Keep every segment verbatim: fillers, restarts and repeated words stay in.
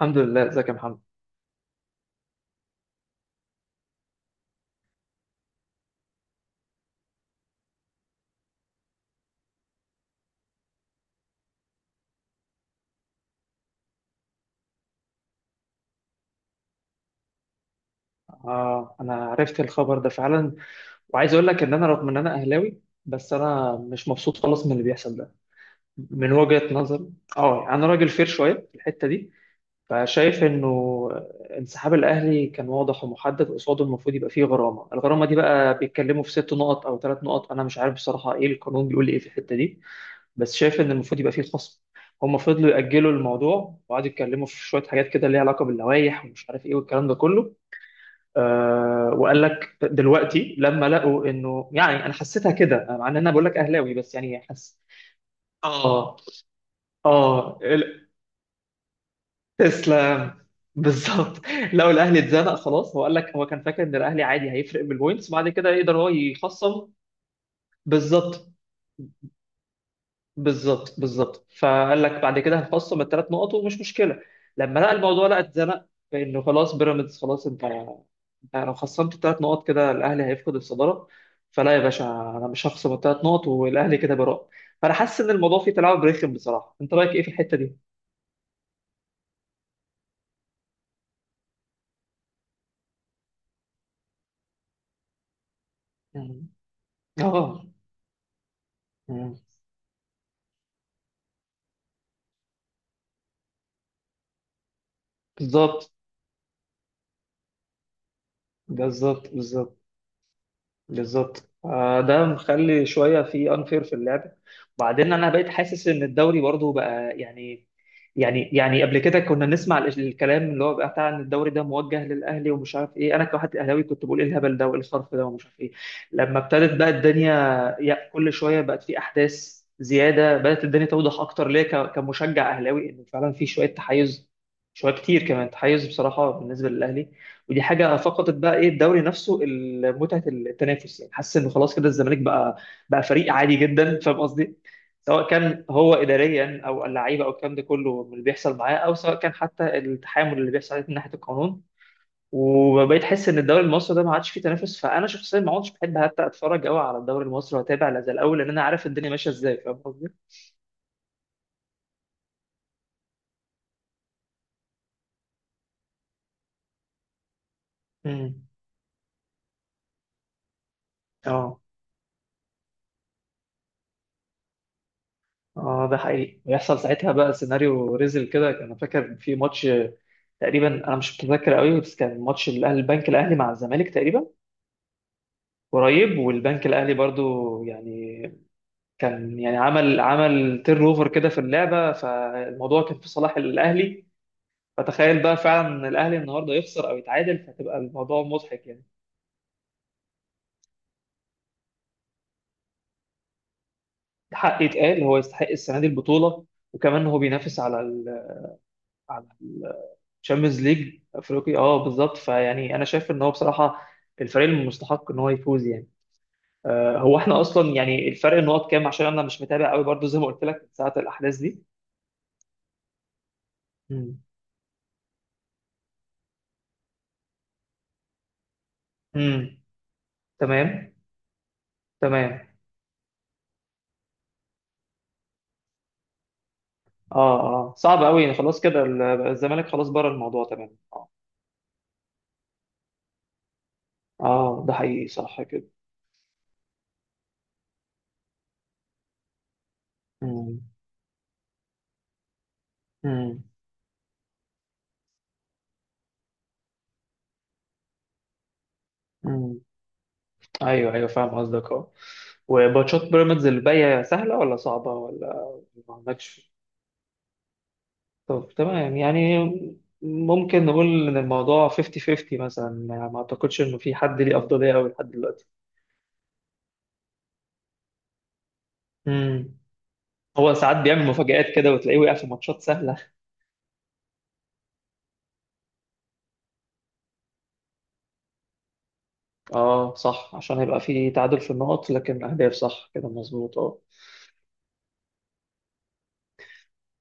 الحمد لله، ازيك يا محمد. اه انا عرفت الخبر ده فعلا، وعايز اقول لك ان انا رغم ان انا اهلاوي، بس انا مش مبسوط خالص من اللي بيحصل ده. من وجهة نظر اه يعني انا راجل فير شويه في الحته دي، فشايف انه انسحاب الاهلي كان واضح ومحدد قصاده، المفروض يبقى فيه غرامه. الغرامه دي بقى بيتكلموا في ست نقط او ثلاث نقط، انا مش عارف بصراحه، ايه القانون بيقول ايه في الحته دي، بس شايف ان المفروض يبقى فيه خصم. هم فضلوا يأجلوا الموضوع وقعدوا يتكلموا في شوية حاجات كده ليها علاقة باللوائح ومش عارف ايه والكلام ده كله. آه وقال لك دلوقتي لما لقوا انه، يعني انا حسيتها كده مع ان انا بقول لك اهلاوي، بس يعني حس اه اه اه ال- تسلم. بالظبط. لو الاهلي اتزنق خلاص، هو قال لك هو كان فاكر ان الاهلي عادي هيفرق بالبوينتس، بعد كده يقدر هو يخصم. بالظبط، بالظبط، بالظبط. فقال لك بعد كده هنخصم الثلاث نقط ومش مشكله. لما لقى الموضوع، لقى اتزنق، فانه خلاص بيراميدز خلاص. انت انت لو خصمت الثلاث نقط كده الاهلي هيفقد الصداره، فلا يا باشا، انا مش هخصم الثلاث نقط والاهلي كده براء. فانا حاسس ان الموضوع فيه تلاعب رخم بصراحه، انت رايك ايه في الحته دي؟ يعني اه مم. بالظبط، بالظبط، بالظبط، بالظبط. آه، ده مخلي شويه في انفير في اللعبه. وبعدين انا بقيت حاسس ان الدوري برضو بقى يعني، يعني يعني قبل كده كنا نسمع ال- الكلام اللي هو بقى بتاع ان الدوري ده موجه للاهلي ومش عارف ايه. انا كواحد اهلاوي كنت بقول ايه الهبل ده وايه الصرف ده ومش عارف ايه. لما ابتدت بقى الدنيا يا كل شويه بقت في احداث زياده، بدات الدنيا توضح اكتر ليا ك- كمشجع اهلاوي ان فعلا في شويه تحيز، شويه كتير كمان تحيز بصراحه بالنسبه للاهلي. ودي حاجه فقدت بقى ايه الدوري نفسه، ال- متعه التنافس. يعني حاسس انه خلاص كده الزمالك بقى، بقى فريق عادي جدا، فاهم قصدي؟ سواء كان هو اداريا او اللعيبه او الكلام ده كله من اللي بيحصل معاه، او سواء كان حتى التحامل اللي بيحصل عليه من ناحيه القانون. وبقيت احس ان الدوري المصري ده ما عادش فيه تنافس، فانا شخصيا ما عدتش بحب حتى اتفرج قوي على الدوري المصري واتابع لا زي الاول، لان انا عارف الدنيا ماشيه ازاي، فاهم قصدي؟ امم اه اه ده حقيقي ويحصل ساعتها بقى سيناريو ريزل كده. انا فاكر في ماتش تقريبا، انا مش متذكر قوي، بس كان ماتش الاهلي البنك الاهلي مع الزمالك تقريبا قريب، والبنك الاهلي برضو يعني كان يعني عمل عمل تير اوفر كده في اللعبه، فالموضوع كان في صلاح الاهلي. فتخيل بقى فعلا الاهلي النهارده يخسر او يتعادل، فتبقى الموضوع مضحك يعني. حق يتقال، هو يستحق السنه دي البطوله، وكمان هو بينافس على ال على الشامبيونز ليج افريقي. اه بالظبط، فيعني انا شايف ان هو بصراحه الفريق المستحق ان هو يفوز يعني. آه، هو احنا اصلا يعني الفرق النقط كام؟ عشان انا مش متابع قوي برضو زي ما قلت لك من ساعه الاحداث دي. مم. امم تمام، تمام. اه اه صعب قوي يعني، خلاص كده ال- الزمالك خلاص بره الموضوع، تمام اه. اه ده حقيقي، صح كده. امم امم امم ايوه، ايوه، فاهم قصدك اه. وماتشات بيراميدز اللي باقيه سهله ولا صعبه، ولا ما عندكش؟ طب تمام يعني. ممكن نقول ان الموضوع خمسين خمسين مثلا، يعني ما اعتقدش انه في حد ليه افضليه قوي لحد دلوقتي. امم هو ساعات بيعمل مفاجآت كده وتلاقيه وقع في ماتشات سهلة. اه صح، عشان هيبقى فيه تعادل في النقط لكن أهداف، صح كده مظبوط اه.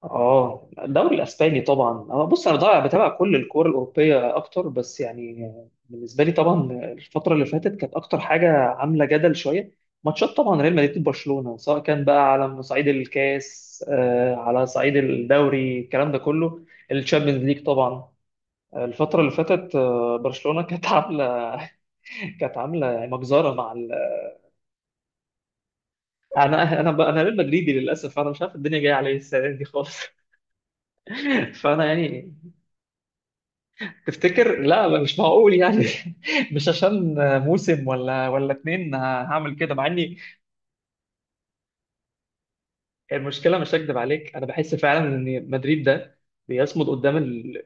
اه الدوري الاسباني طبعا. اه بص انا ضايع بتابع كل الكوره الاوروبيه اكتر، بس يعني بالنسبه لي طبعا الفتره اللي فاتت كانت اكتر حاجه عامله جدل شويه. ماتشات طبعا ريال مدريد وبرشلونه، سواء كان بقى على صعيد الكاس آه على صعيد الدوري، الكلام ده كله. الشامبيونز ليج طبعا. آه، الفتره اللي فاتت آه برشلونه كانت عامله، كانت عامله مجزره مع ال... انا انا ب... انا ريال مدريدي للاسف، انا مش عارف الدنيا جايه عليا السنه دي خالص. فانا يعني تفتكر؟ لا مش معقول يعني. مش عشان موسم ولا ولا اتنين هعمل كده، مع اني المشكله مش هكدب عليك، انا بحس فعلا ان مدريد ده بيصمد قدام ال...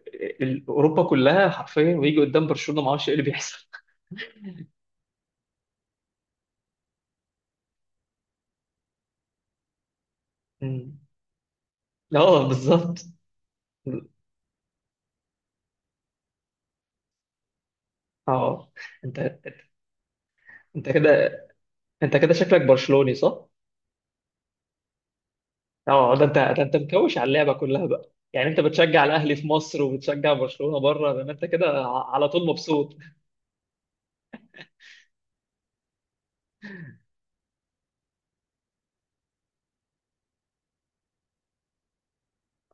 ال... اوروبا كلها حرفيا، ويجي قدام برشلونه ما اعرفش ايه اللي بيحصل. مم. اه بالظبط اه. انت انت كده انت كده شكلك برشلوني، صح؟ اه ده انت، ده انت مكوش على اللعبه كلها بقى يعني، انت بتشجع الاهلي في مصر وبتشجع برشلونه بره، ده انت كده ع- على طول مبسوط.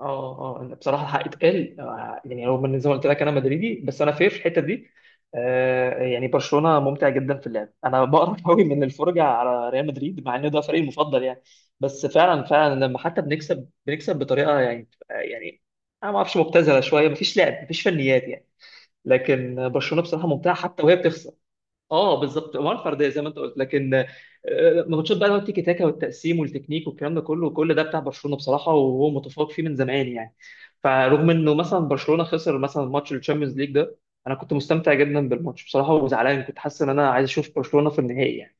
اه اه أنا بصراحه الحق يتقال، آه، يعني رغم ان زي ما قلت لك انا مدريدي، بس انا فير في الحته دي. آه، يعني برشلونه ممتع جدا في اللعب. انا بقرف قوي من الفرجه على ريال مدريد مع ان ده فريقي المفضل يعني. بس فعلا، فعلا لما حتى بنكسب، بنكسب بطريقه يعني بتبقى- يعني انا ما اعرفش، مبتذله شويه، مفيش لعب مفيش فنيات يعني. لكن برشلونه بصراحه ممتعه حتى وهي بتخسر. اه بالظبط، مهاره فرديه زي ما انت قلت، لكن آه، ماتشات بقى اللي هو التيكي تاكا والتقسيم والتكنيك والكلام ده كله، كل ده بتاع برشلونه بصراحه وهو متفوق فيه من زمان يعني. فرغم انه مثلا برشلونه خسر مثلا ماتش الشامبيونز ليج ده، انا كنت مستمتع جدا بالماتش بصراحه، وزعلان، كنت حاسس ان انا عايز اشوف برشلونه في النهائي يعني.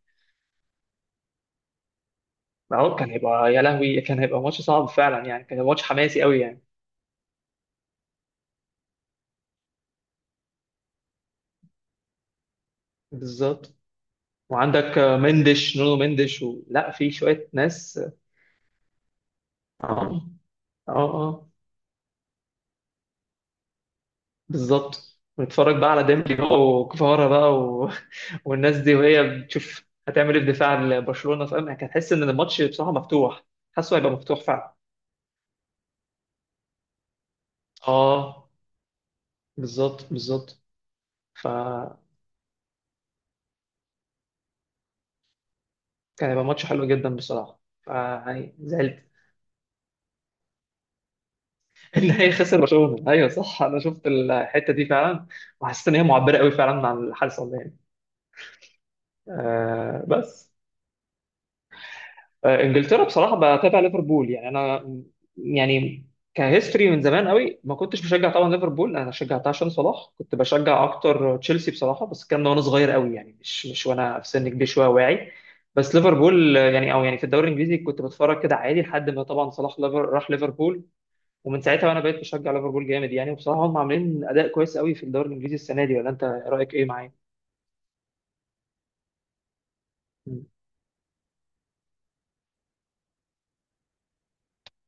اهو كان هيبقى يا لهوي، كان هيبقى ماتش صعب فعلا يعني، كان هيبقى ماتش حماسي قوي يعني. بالظبط. وعندك آه، مندش نونو مندش و... لا في شويه ناس. اه اه اه بالظبط، ونتفرج بقى على ديمبلي بقى وكفارة بقى و... والناس دي وهي بتشوف هتعمل ايه في دفاع لبرشلونة، فاهم؟ هتحس ان الماتش بصراحة مفتوح. حاسه هيبقى مفتوح فعلا. اه بالظبط، بالظبط. فكان هيبقى ماتش حلو جدا بصراحة، فيعني زعلت. ان هي خسر برشلونة، ايوه صح، انا شفت الحتة دي فعلا، وحسيت ان هي معبرة قوي فعلا عن اللي حصل يعني. آه بس. آه، انجلترا بصراحه بتابع ليفربول يعني. انا يعني كهيستوري من زمان قوي ما كنتش بشجع طبعا ليفربول، انا شجعتها عشان صلاح. كنت بشجع اكتر تشيلسي بصراحه، بس الكلام ده وانا صغير قوي يعني، مش مش وانا في سن كبير شويه واعي. بس ليفربول آه، يعني او يعني في الدوري الانجليزي كنت بتفرج كده عادي، لحد ما طبعا صلاح ليفر راح ليفربول، ومن ساعتها وانا بقيت بشجع ليفربول جامد يعني. وبصراحه هم عاملين اداء كويس قوي في الدوري الانجليزي السنه دي، ولا انت رايك ايه، معايا؟ مم.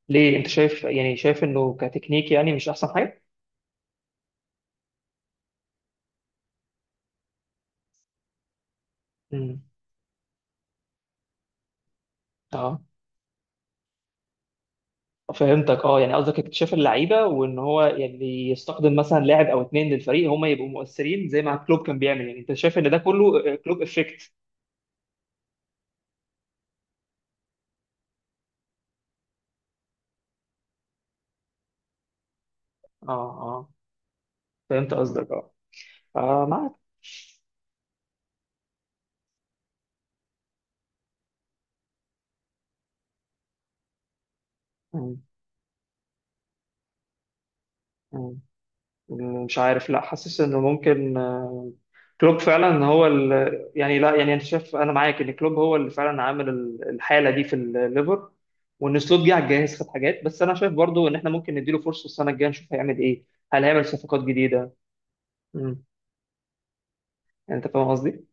ليه، انت شايف يعني، شايف انه كتكنيك يعني مش احسن حاجه؟ مم. آه. فهمتك اه. يعني قصدك اكتشاف اللعيبه وان هو يعني يستخدم مثلا لاعب او اتنين للفريق هم يبقوا مؤثرين زي ما كلوب كان بيعمل يعني، انت شايف ان ده كله آه، كلوب افكت. اه اه فهمت قصدك اه. آه، معاك. مم، مم. مش عارف، لا حاسس انه ممكن، آه، كلوب فعلا هو ال... يعني لا، يعني انت شايف، انا معاك ان كلوب هو اللي فعلا عامل ال- الحاله دي في الليفر، وان سلوت جه على الجاهز خد حاجات. بس انا شايف برضو ان احنا ممكن نديله فرصه السنه الجايه نشوف هيعمل ايه، هل هيعمل صفقات جديده يعني، انت فاهم قصدي؟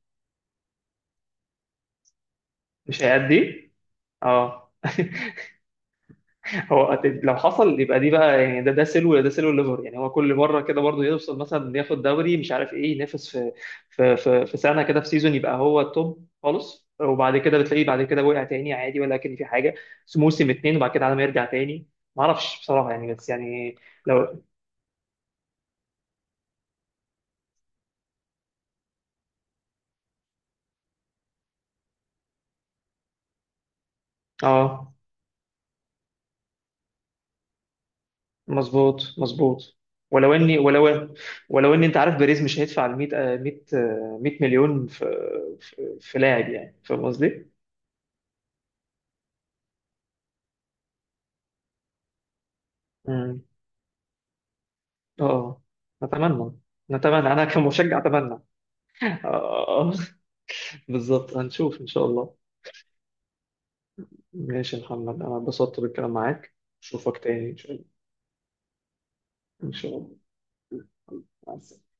مش هيأدي؟ اه هو لو حصل يبقى دي بقى يعني، ده ده سلو، ده سلو ليفر يعني. هو كل مره كده برضه يوصل مثلا ياخد دوري مش عارف ايه، ينافس في في في, في سنه كده في سيزون يبقى هو التوب خالص، وبعد كده بتلاقيه بعد كده وقع تاني عادي، ولكن في حاجه. بس موسم اتنين وبعد كده على ما يرجع تاني، ما اعرفش بصراحه يعني، بس يعني لو اه، مظبوط مظبوط. ولو اني، ولو، ولو اني انت عارف بيريز مش هيدفع ال مية آه، مية آه، مية مليون في في, في لاعب، يعني فاهم قصدي؟ مم. اه نتمنى، نتمنى، انا كمشجع اتمنى. اه بالظبط هنشوف ان شاء الله. ماشي يا محمد، انا اتبسطت بالكلام معاك، اشوفك تاني ان شاء الله. ان شاء الله، مع السلامة.